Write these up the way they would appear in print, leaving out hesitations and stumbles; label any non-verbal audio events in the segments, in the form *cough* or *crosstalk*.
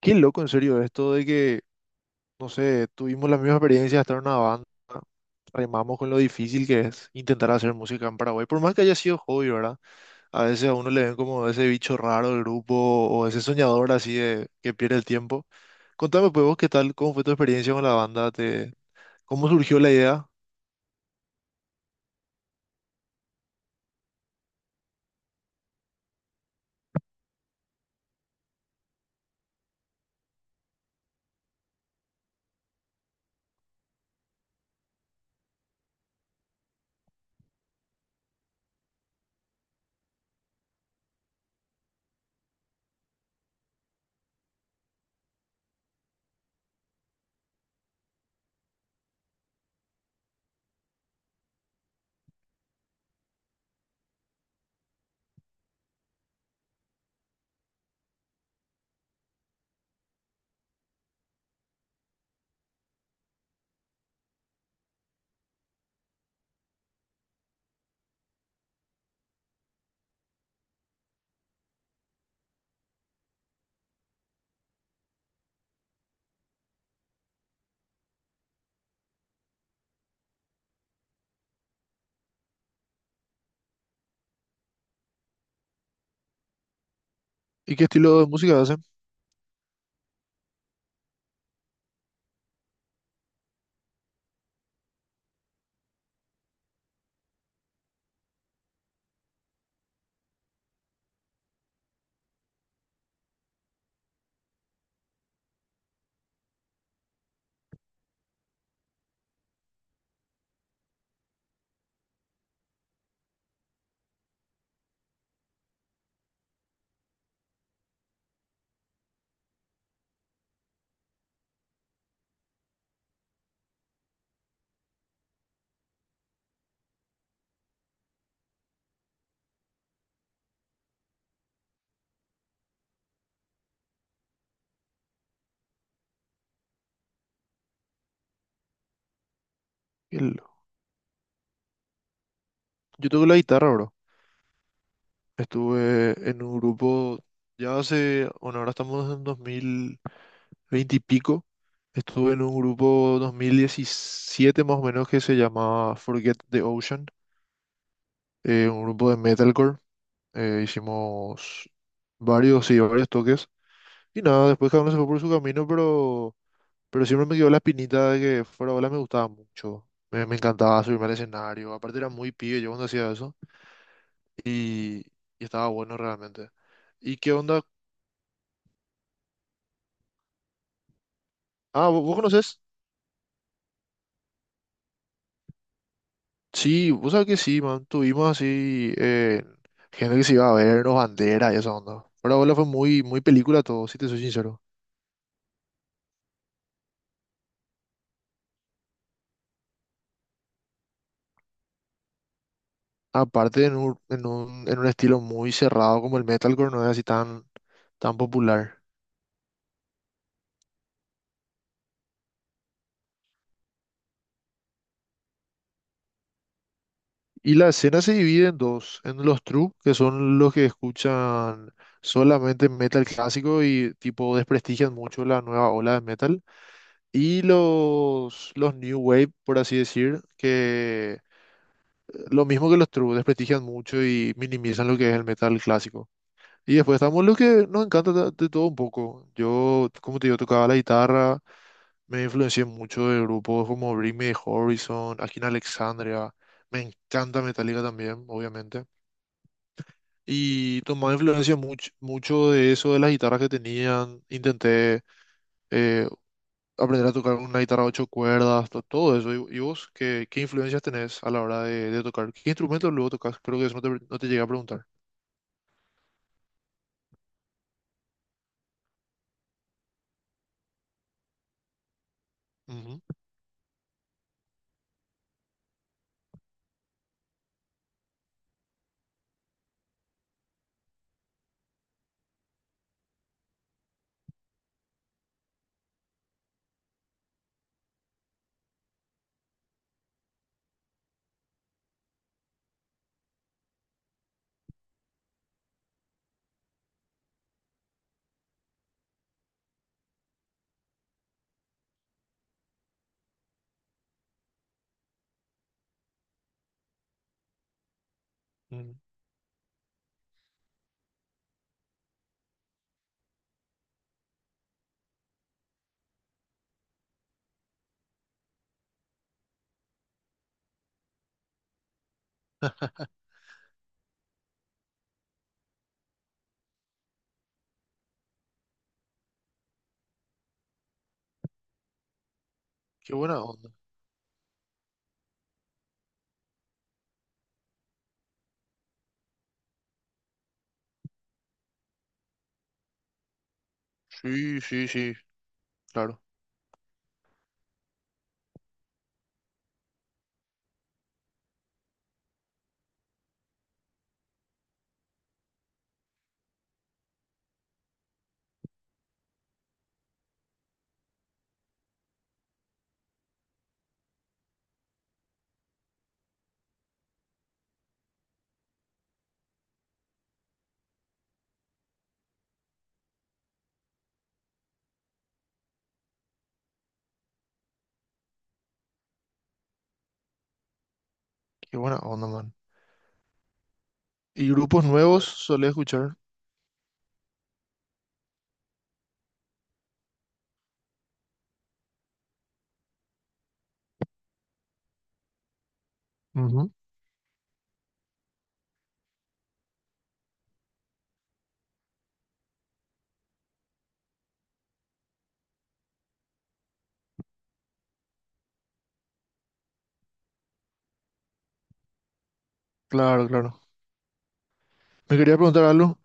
Qué loco, en serio, esto de que, no sé, tuvimos la misma experiencia de estar en una banda, remamos con lo difícil que es intentar hacer música en Paraguay, por más que haya sido hobby, ¿verdad? A veces a uno le ven como ese bicho raro del grupo o ese soñador así de que pierde el tiempo. Contame, pues, vos, ¿qué tal? ¿Cómo fue tu experiencia con la banda? ¿Cómo surgió la idea? ¿Y qué estilo de música hacen? El- Yo toco la guitarra, bro. Estuve en un grupo ya hace, bueno, ahora estamos en 2000. 20 y pico. Estuve en un grupo 2017 más o menos que se llamaba Forget the Ocean, un grupo de metalcore. Hicimos varios, sí, varios toques. Y nada, después cada uno se fue por su camino, pero siempre me quedó la espinita de que fuera bola me gustaba mucho. Me encantaba subirme al escenario. Aparte era muy pibe yo cuando hacía eso. Y, y estaba bueno realmente. ¿Y qué onda? Ah, ¿vos conoces? Sí, vos sabés que sí, man. Tuvimos así gente que se iba a vernos, banderas y esa onda. Pero abuela fue muy, muy película todo, si te soy sincero. Aparte en un estilo muy cerrado como el metalcore, no es así tan popular. Y la escena se divide en dos, en los true, que son los que escuchan solamente metal clásico y tipo desprestigian mucho la nueva ola de metal. Y los new wave, por así decir, que lo mismo que los true, desprestigian mucho y minimizan lo que es el metal clásico. Y después estamos lo que nos encanta de todo un poco. Yo, como te digo, tocaba la guitarra, me influencié mucho de grupos como Bring Me the Horizon, Akin Alexandria. Me encanta Metallica también, obviamente. Y tomaba influencia mucho, mucho de eso, de las guitarras que tenían. Intenté eh, aprender a tocar una guitarra a 8 cuerdas, todo eso. Y vos qué, qué influencias tenés a la hora de tocar? ¿Qué instrumento luego tocas? Creo que eso no no te llegué a preguntar. Ujú, ujú. Qué buena onda. Sí, sí, sí, claro. Qué buena onda, man. ¿Y grupos nuevos solés escuchar? Ujú. Claro, claro. Me quería preguntar algo.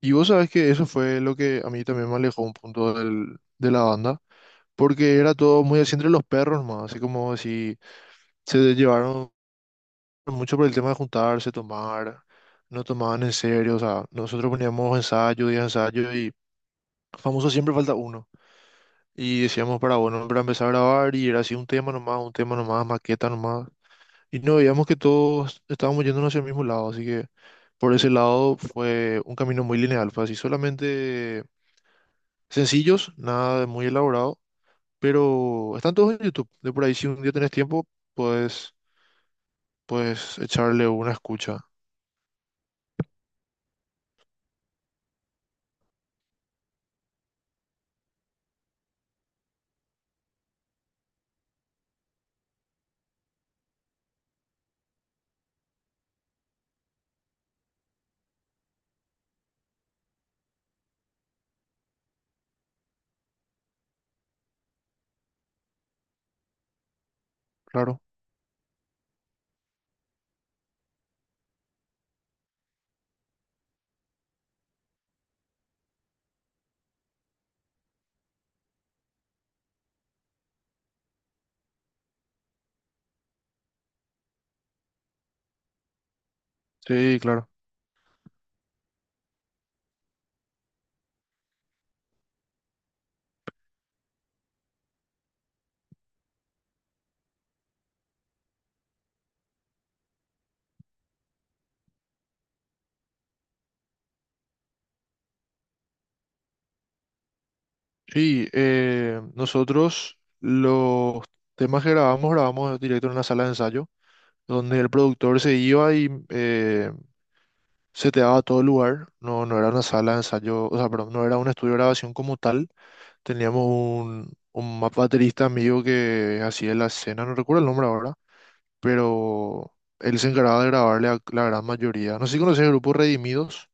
Y vos sabés que eso fue lo que a mí también me alejó un punto del, de la banda. Porque era todo muy así entre los perros, más. Así como si se llevaron mucho por el tema de juntarse, tomar, no tomaban en serio, o sea, nosotros poníamos ensayo y ensayo y famoso siempre falta uno. Y decíamos para, bueno, para empezar a grabar y era así un tema nomás, maqueta nomás. Y no veíamos que todos estábamos yéndonos hacia el mismo lado, así que por ese lado fue un camino muy lineal, fue así, solamente sencillos, nada de muy elaborado, pero están todos en YouTube, de por ahí si un día tenés tiempo, pues, puedes echarle una escucha, claro. Sí, claro. Sí, nosotros los temas que grabamos, grabamos directo en una sala de ensayo, donde el productor se iba y se te daba todo el lugar. No, no era una sala de ensayo, o sea, perdón, no era un estudio de grabación como tal. Teníamos un, baterista amigo que hacía la escena, no recuerdo el nombre ahora, pero él se encargaba de grabarle a la gran mayoría. No sé si conoces el grupo Redimidos,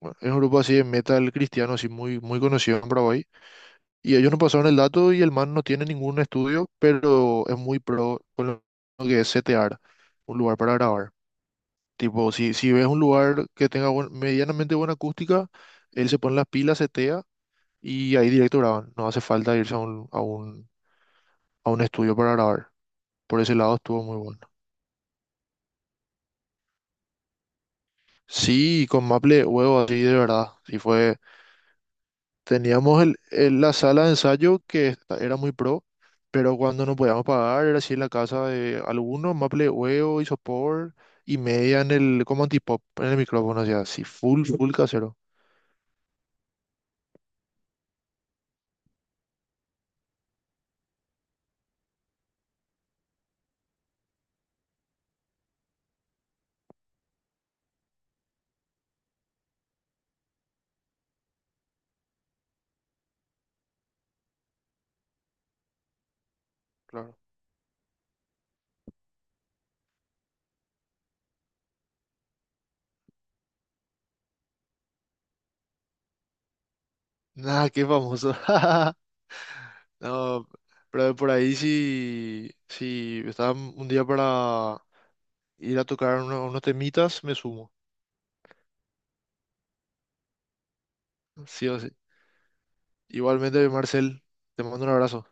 bueno, es un grupo así de metal cristiano, así muy, muy conocido en Paraguay. Y ellos nos pasaron el dato y el man no tiene ningún estudio, pero es muy pro con lo que es setear un lugar para grabar. Tipo, si ves un lugar que tenga medianamente buena acústica, él se pone las pilas, setea y ahí directo graban. No hace falta irse a un, a un, a un estudio para grabar. Por ese lado estuvo muy bueno. Sí, con Maple huevo así de verdad. Sí fue. Teníamos el, la sala de ensayo que era muy pro, pero cuando nos podíamos pagar era así en la casa de algunos, Maple Huevo, Isopor y media en el, como antipop, en el micrófono, o sea, así, full, full casero. Claro. Nada, qué famoso. *laughs* No, pero por ahí sí, sí, estaba un día para ir a tocar unos temitas, me sumo. Sí o sí. Igualmente, Marcel, te mando un abrazo.